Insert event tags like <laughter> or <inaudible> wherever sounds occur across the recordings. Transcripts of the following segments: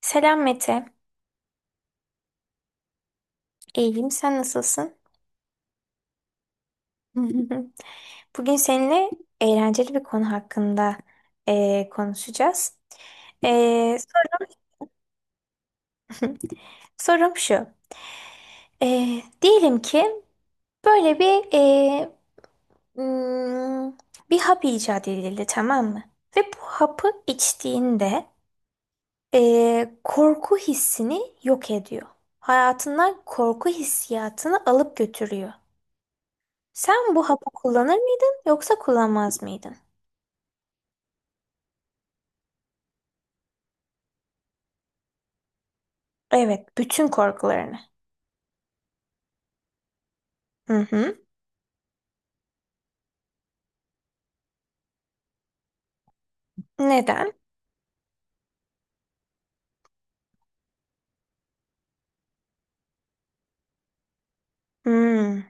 Selam Mete. İyiyim, sen nasılsın? <laughs> Bugün seninle eğlenceli bir konu hakkında konuşacağız. Sorum, <laughs> sorum şu. Diyelim ki böyle hmm, bir hap icat edildi, tamam mı? Ve bu hapı içtiğinde korku hissini yok ediyor. Hayatından korku hissiyatını alıp götürüyor. Sen bu hapı kullanır mıydın yoksa kullanmaz mıydın? Evet, bütün korkularını. Hı hı. Neden? Hmm,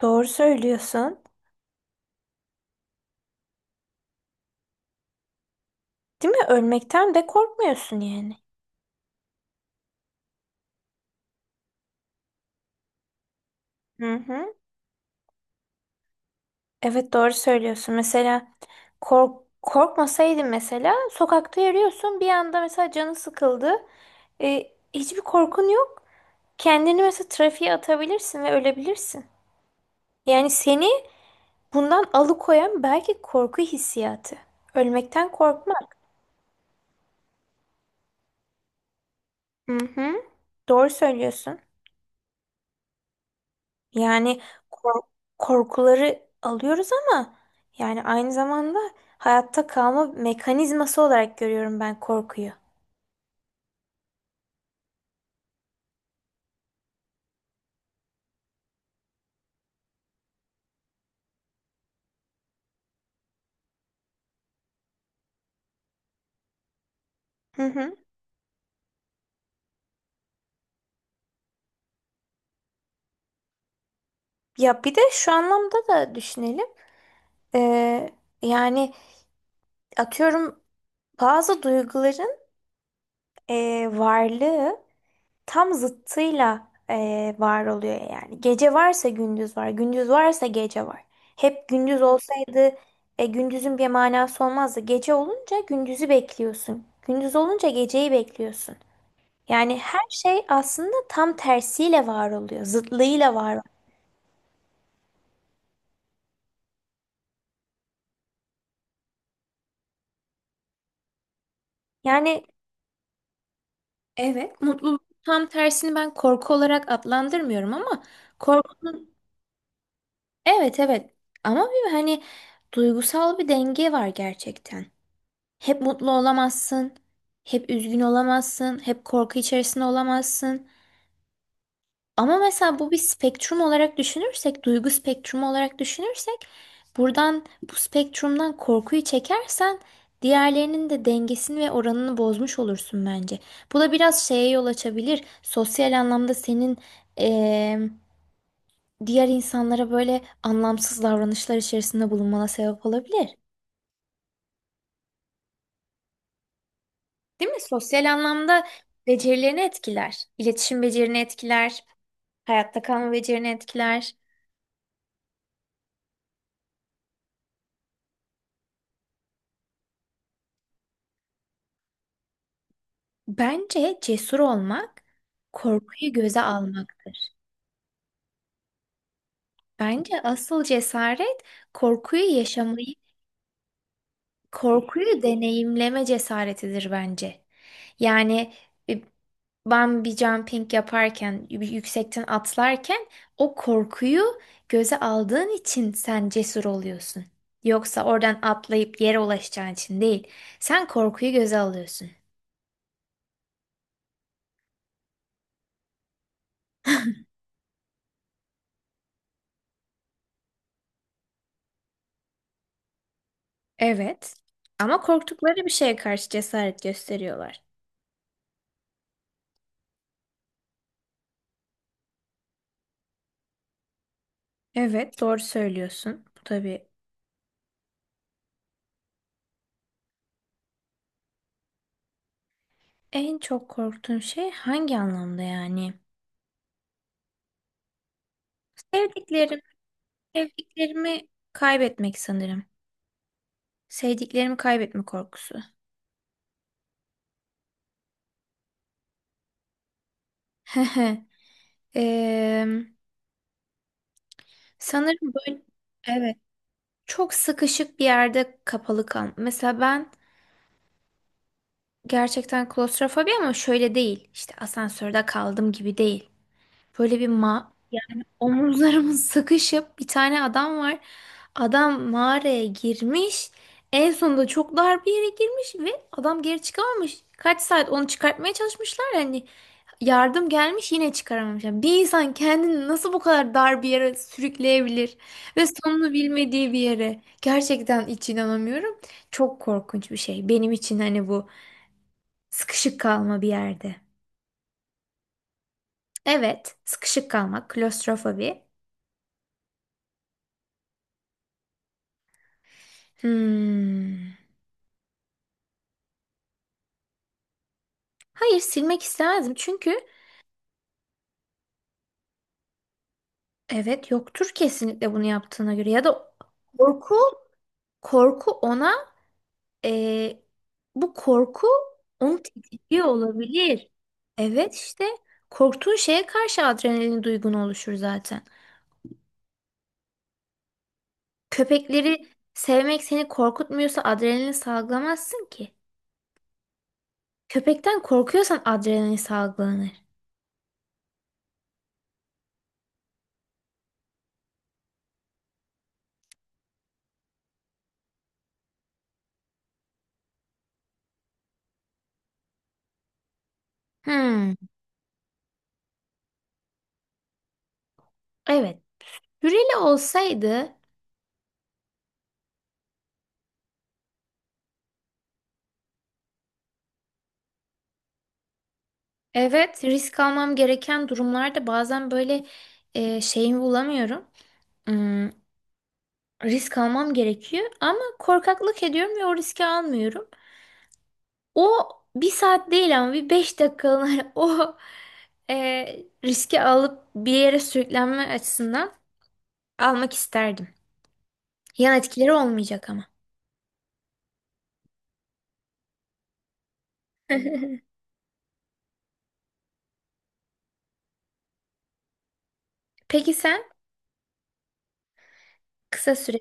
doğru söylüyorsun. Değil mi? Ölmekten de korkmuyorsun yani. Hı hı. Evet, doğru söylüyorsun. Mesela korkmasaydın, mesela sokakta yürüyorsun, bir anda mesela canı sıkıldı. Hiçbir korkun yok. Kendini mesela trafiğe atabilirsin ve ölebilirsin. Yani seni bundan alıkoyan belki korku hissiyatı. Ölmekten korkma. Hı hı. Doğru söylüyorsun. Yani kor- korkuları alıyoruz ama yani aynı zamanda hayatta kalma mekanizması olarak görüyorum ben korkuyu. Hı hı. Ya bir de şu anlamda da düşünelim. Ee, yani atıyorum, bazı duyguların varlığı tam zıttıyla var oluyor yani. Gece varsa gündüz var, gündüz varsa gece var. Hep gündüz olsaydı gündüzün bir manası olmazdı. Gece olunca gündüzü bekliyorsun. Gündüz olunca geceyi bekliyorsun. Yani her şey aslında tam tersiyle var oluyor, zıtlığıyla var oluyor. Yani, evet, mutluluk tam tersini ben korku olarak adlandırmıyorum, ama korkunun, evet, evet, ama bir, hani, duygusal bir denge var gerçekten. Hep mutlu olamazsın, hep üzgün olamazsın, hep korku içerisinde olamazsın. Ama mesela bu bir spektrum olarak düşünürsek, duygu spektrumu olarak düşünürsek, buradan, bu spektrumdan korkuyu çekersen diğerlerinin de dengesini ve oranını bozmuş olursun bence. Bu da biraz şeye yol açabilir. Sosyal anlamda senin eee, diğer insanlara böyle anlamsız davranışlar içerisinde bulunmana sebep olabilir. Değil mi? Sosyal anlamda becerilerini etkiler. İletişim becerini etkiler. Hayatta kalma becerini etkiler. Bence cesur olmak korkuyu göze almaktır. Bence asıl cesaret korkuyu yaşamayı korkuyu deneyimleme cesaretidir bence. Yani e, ben bir jumping yaparken, bir yüksekten atlarken o korkuyu göze aldığın için sen cesur oluyorsun. Yoksa oradan atlayıp yere ulaşacağın için değil. Sen korkuyu göze alıyorsun. Evet. Ama korktukları bir şeye karşı cesaret gösteriyorlar. Evet, doğru söylüyorsun. Bu tabii en çok korktuğun şey hangi anlamda yani? Sevdiklerin Sevdiklerimi kaybetmek sanırım. Sevdiklerimi kaybetme korkusu. <laughs> Eee, sanırım böyle, evet, çok sıkışık bir yerde kapalı kal. Mesela ben gerçekten klostrofobi, ama şöyle değil. İşte asansörde kaldım gibi değil. Böyle bir ma Omuzlarımız sıkışıp, bir tane adam var. Adam mağaraya girmiş. En sonunda çok dar bir yere girmiş ve adam geri çıkamamış. Kaç saat onu çıkartmaya çalışmışlar. Yani yardım gelmiş, yine çıkaramamış. Yani bir insan kendini nasıl bu kadar dar bir yere sürükleyebilir ve sonunu bilmediği bir yere. Gerçekten hiç inanamıyorum. Çok korkunç bir şey. Benim için hani bu, sıkışık kalma bir yerde. Evet, sıkışık kalmak, klostrofobi. Hmm. Hayır, silmek istemezdim, çünkü evet, yoktur kesinlikle bunu yaptığına göre, ya da korku korku ona e, bu korku onu tetikliyor olabilir. Evet, işte korktuğun şeye karşı adrenalin duygun oluşur zaten. Köpekleri sevmek seni korkutmuyorsa adrenalin salgılamazsın ki. Köpekten korkuyorsan adrenalin salgılanır. Hmm, evet. Hürele olsaydı. Evet, risk almam gereken durumlarda bazen böyle şeyimi bulamıyorum. Hmm, risk almam gerekiyor ama korkaklık ediyorum ve o riski almıyorum. O bir saat değil ama bir beş dakikalığına <laughs> e, riski alıp bir yere sürüklenme açısından almak isterdim. Yan etkileri olmayacak ama. <laughs> Peki sen, kısa süre.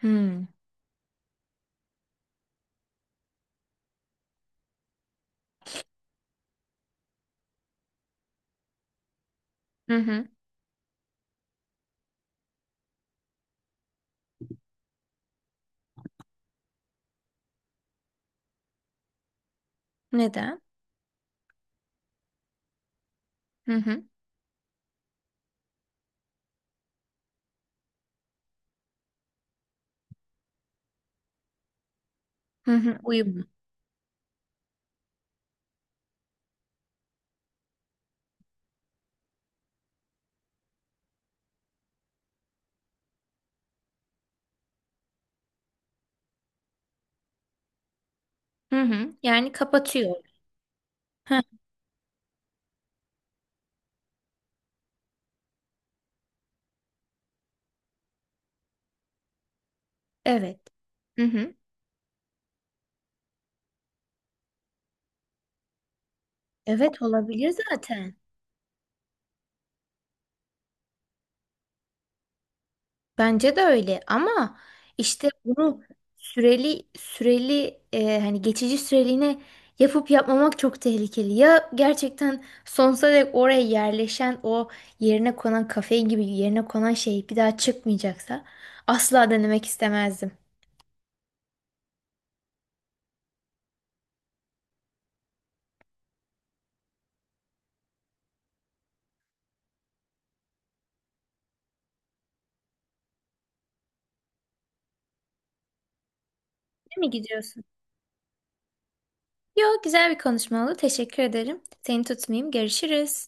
Hmm. Hı hı. Neden? Hı hı. Hı hı. Uyum. Hı hı. Yani kapatıyor. Hı. Evet. Hı hı. Evet, olabilir zaten. Bence de öyle, ama işte bunu süreli hani geçici süreliğine yapıp yapmamak çok tehlikeli. Ya gerçekten sonsuza dek oraya yerleşen o, yerine konan kafein gibi yerine konan şey bir daha çıkmayacaksa asla denemek istemezdim. Değil mi, gidiyorsun? Yok, güzel bir konuşma oldu. Teşekkür ederim. Seni tutmayayım. Görüşürüz.